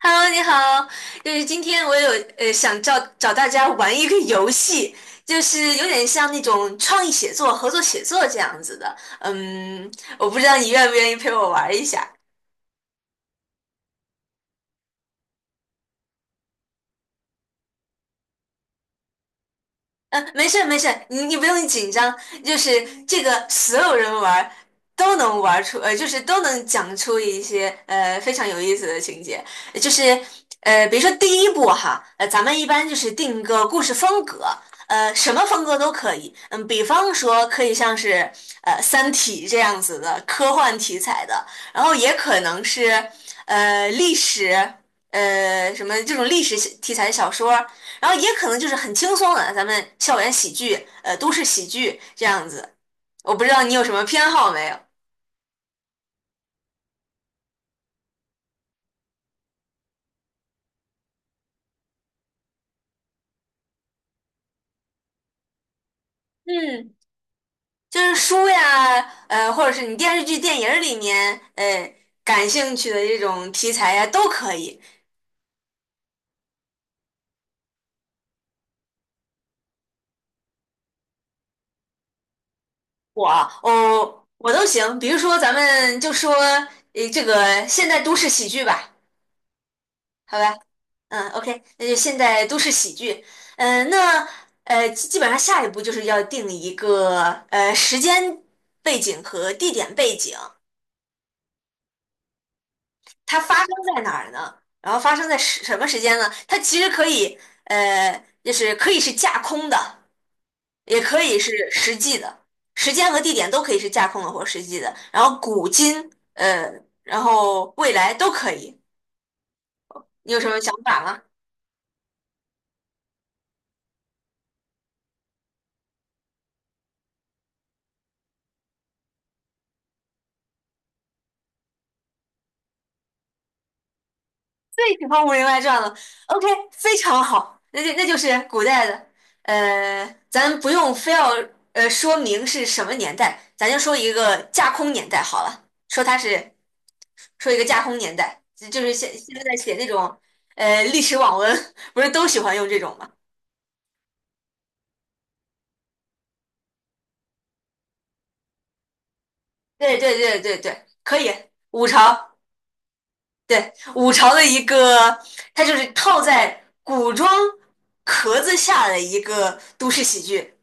Hello，你好，就是今天我有想找找大家玩一个游戏，就是有点像那种创意写作、合作写作这样子的。嗯，我不知道你愿不愿意陪我玩一下。嗯，没事没事，你不用紧张，就是这个所有人玩儿都能玩儿出，就是都能讲出一些非常有意思的情节，呃就是比如说第一步哈，咱们一般就是定一个故事风格，什么风格都可以，嗯，比方说可以像是《三体》这样子的科幻题材的，然后也可能是历史。什么这种历史题材的小说，然后也可能就是很轻松的，咱们校园喜剧，都市喜剧这样子。我不知道你有什么偏好没有？嗯，就是书呀，或者是你电视剧、电影儿里面，感兴趣的这种题材呀，都可以。我啊，哦，我都行。比如说，咱们就说，这个现代都市喜剧吧。好吧，嗯，OK，那就现在都市喜剧，嗯、那基本上下一步就是要定一个时间背景和地点背景，它发生在哪儿呢？然后发生在什么时间呢？它其实可以就是可以是架空的，也可以是实际的，时间和地点都可以是架空的或实际的，然后古今然后未来都可以。你有什么想法吗？最喜欢《武林外传》了。OK，非常好，那就是古代的，咱不用非要说明是什么年代，咱就说一个架空年代好了，说它是说一个架空年代，就是现在写那种历史网文，不是都喜欢用这种吗？对对对对对，可以，五朝。对，五朝的一个，它就是套在古装壳子下的一个都市喜剧，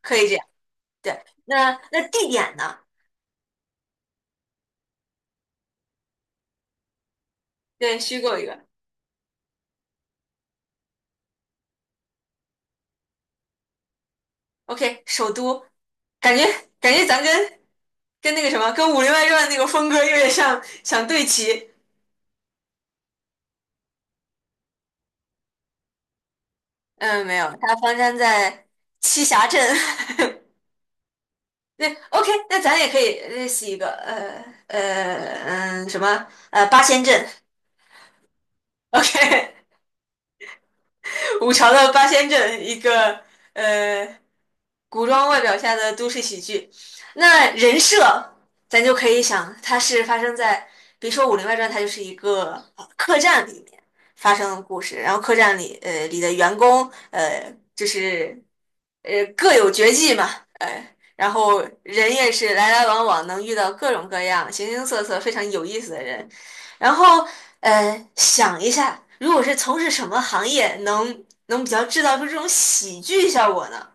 可以这样。对，那地点呢？对，虚构一个。OK，首都，感觉感觉咱跟跟那个什么，跟《武林外传》那个风格有点像，想对齐。嗯，没有，他发生在栖霞镇。对，OK，那咱也可以认识一个，什么八仙镇。OK，五朝的八仙镇一个呃古装外表下的都市喜剧。那人设，咱就可以想，它是发生在，比如说《武林外传》，它就是一个客栈里面发生的故事，然后客栈里里的员工就是各有绝技嘛，然后人也是来来往往，能遇到各种各样形形色色非常有意思的人。然后想一下，如果是从事什么行业能比较制造出这种喜剧效果呢？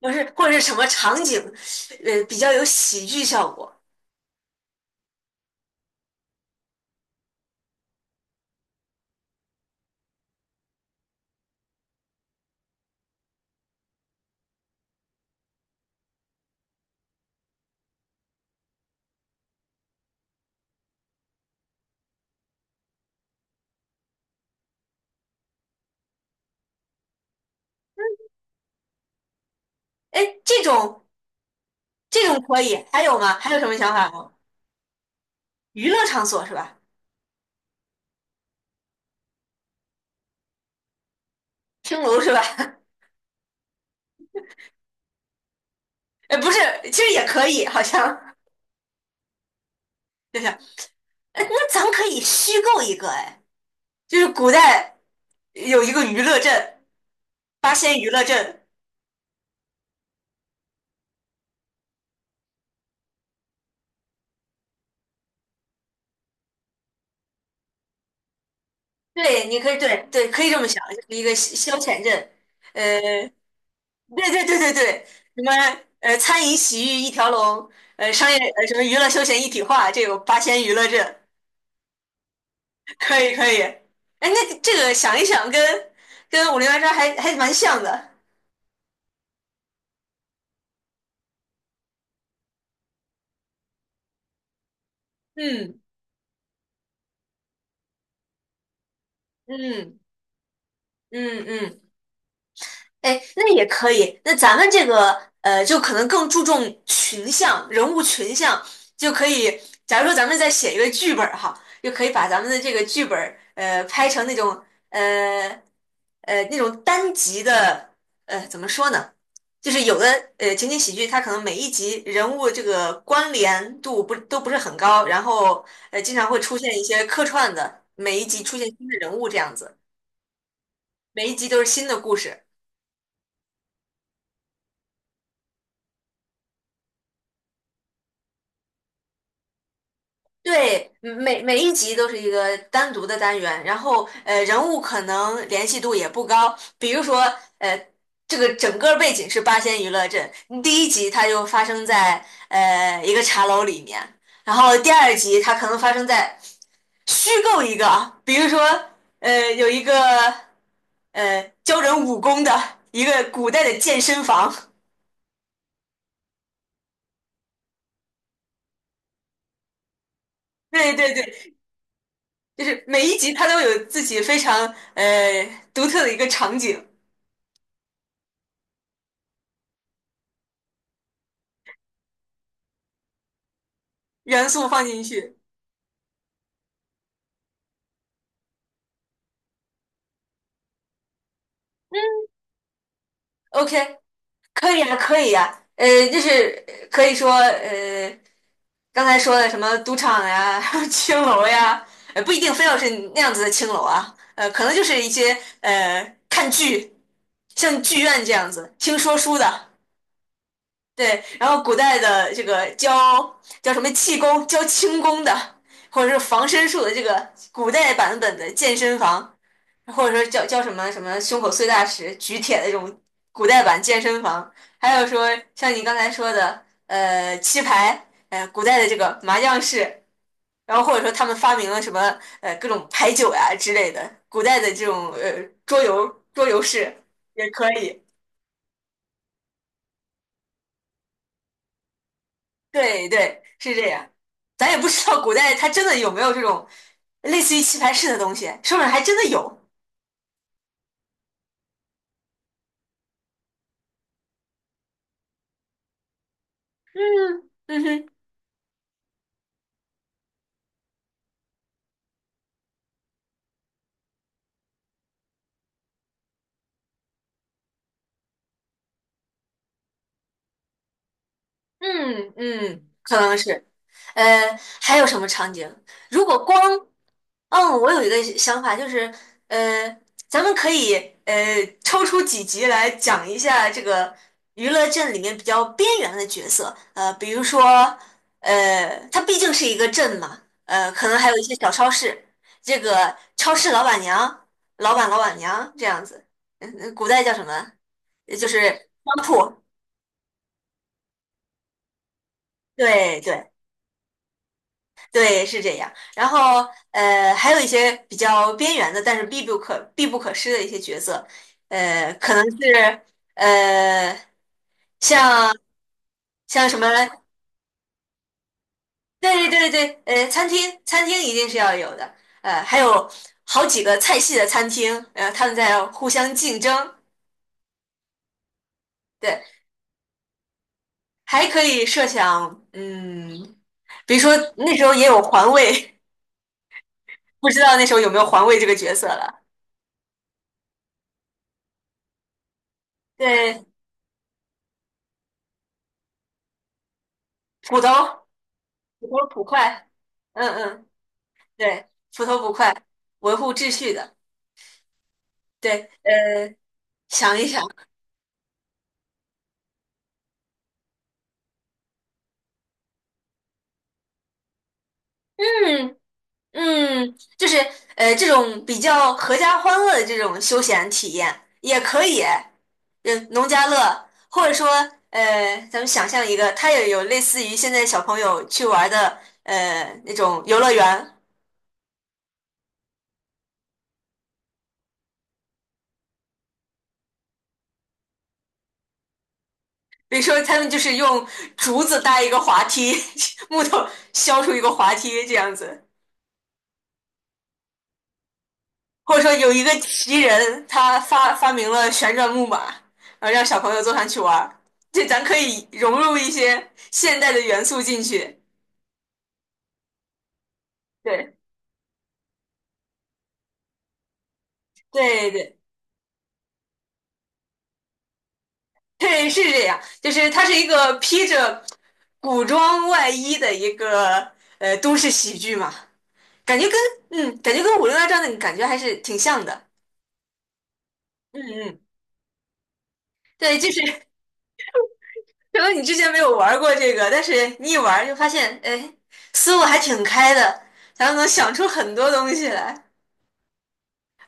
不是，或者是什么场景，比较有喜剧效果。哎，这种这种可以，还有吗？还有什么想法吗？娱乐场所是吧？青楼是吧？哎，不是，其实也可以，好像就是，哎，那咱们可以虚构一个，哎，就是古代有一个娱乐镇，八仙娱乐镇，对，你可以，对对，可以这么想，就是一个消遣镇，呃，对对对对对，什么餐饮洗浴一条龙，商业什么娱乐休闲一体化，这有八仙娱乐镇，可以可以。哎，那这个想一想跟，跟《武林外传》还蛮像的。嗯嗯嗯嗯。哎，那也可以。那咱们这个就可能更注重群像、人物群像，就可以。假如说咱们再写一个剧本儿哈，就可以把咱们的这个剧本儿拍成那种呃那种单集的怎么说呢？就是有的情景喜剧，它可能每一集人物这个关联度不是很高，然后经常会出现一些客串的，每一集出现新的人物这样子，每一集都是新的故事。对，嗯每一集都是一个单独的单元，然后人物可能联系度也不高。比如说，呃，这个整个背景是八仙娱乐镇，嗯第一集它就发生在一个茶楼里面，然后第二集它可能发生在虚构一个啊，比如说有一个教人武功的一个古代的健身房。对对对，就是每一集它都有自己非常呃独特的一个场景。元素放进去。OK,可以呀，可以呀，就是可以说，刚才说的什么赌场呀、青楼呀，不一定非要是那样子的青楼啊，可能就是一些看剧，像剧院这样子，听说书的，对，然后古代的这个教叫什么气功、教轻功的，或者是防身术的这个古代版本的健身房。或者说叫什么什么胸口碎大石、举铁的这种古代版健身房，还有说像你刚才说的，棋牌，古代的这个麻将室，然后或者说他们发明了什么各种牌九呀之类的，古代的这种桌游室也可以。对对，是这样。咱也不知道古代它真的有没有这种类似于棋牌室的东西，说不定还真的有。嗯哼，嗯嗯，可能是。还有什么场景？如果光，嗯，我有一个想法，就是，呃，咱们可以呃抽出几集来讲一下这个娱乐镇里面比较边缘的角色，比如说，它毕竟是一个镇嘛，可能还有一些小超市，这个超市老板娘、老板娘这样子，嗯，古代叫什么？就是商铺，对对。对，是这样。然后，还有一些比较边缘的，但是必不可失的一些角色，可能是呃，像像什么，对对对对，餐厅一定是要有的，还有好几个菜系的餐厅，他们在互相竞争，对，还可以设想，嗯，比如说那时候也有环卫，不知道那时候有没有环卫这个角色了，对，土豆。普头捕快，嗯嗯，对，普头捕快，维护秩序的，对，想一想，嗯嗯，就是这种比较合家欢乐的这种休闲体验也可以，农家乐，或者说咱们想象一个，它也有类似于现在小朋友去玩的那种游乐园。比如说，他们就是用竹子搭一个滑梯，木头削出一个滑梯这样子。或者说有一个奇人，他发明了旋转木马，然后让小朋友坐上去玩儿，这咱可以融入一些现代的元素进去。对对对对，是这样，就是它是一个披着古装外衣的一个都市喜剧嘛，感觉跟嗯，感觉跟《武林外传》的感觉还是挺像的。嗯嗯，对，就是可能你之前没有玩过这个，但是你一玩就发现，哎，思路还挺开的，咱们能想出很多东西来，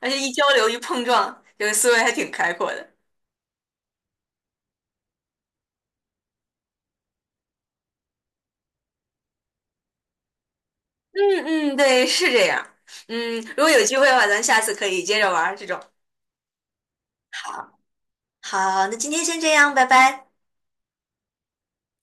而且一交流一碰撞，这个思维还挺开阔的。嗯嗯，对，是这样。嗯，如果有机会的话，咱下次可以接着玩儿这种。好，好，那今天先这样，拜拜。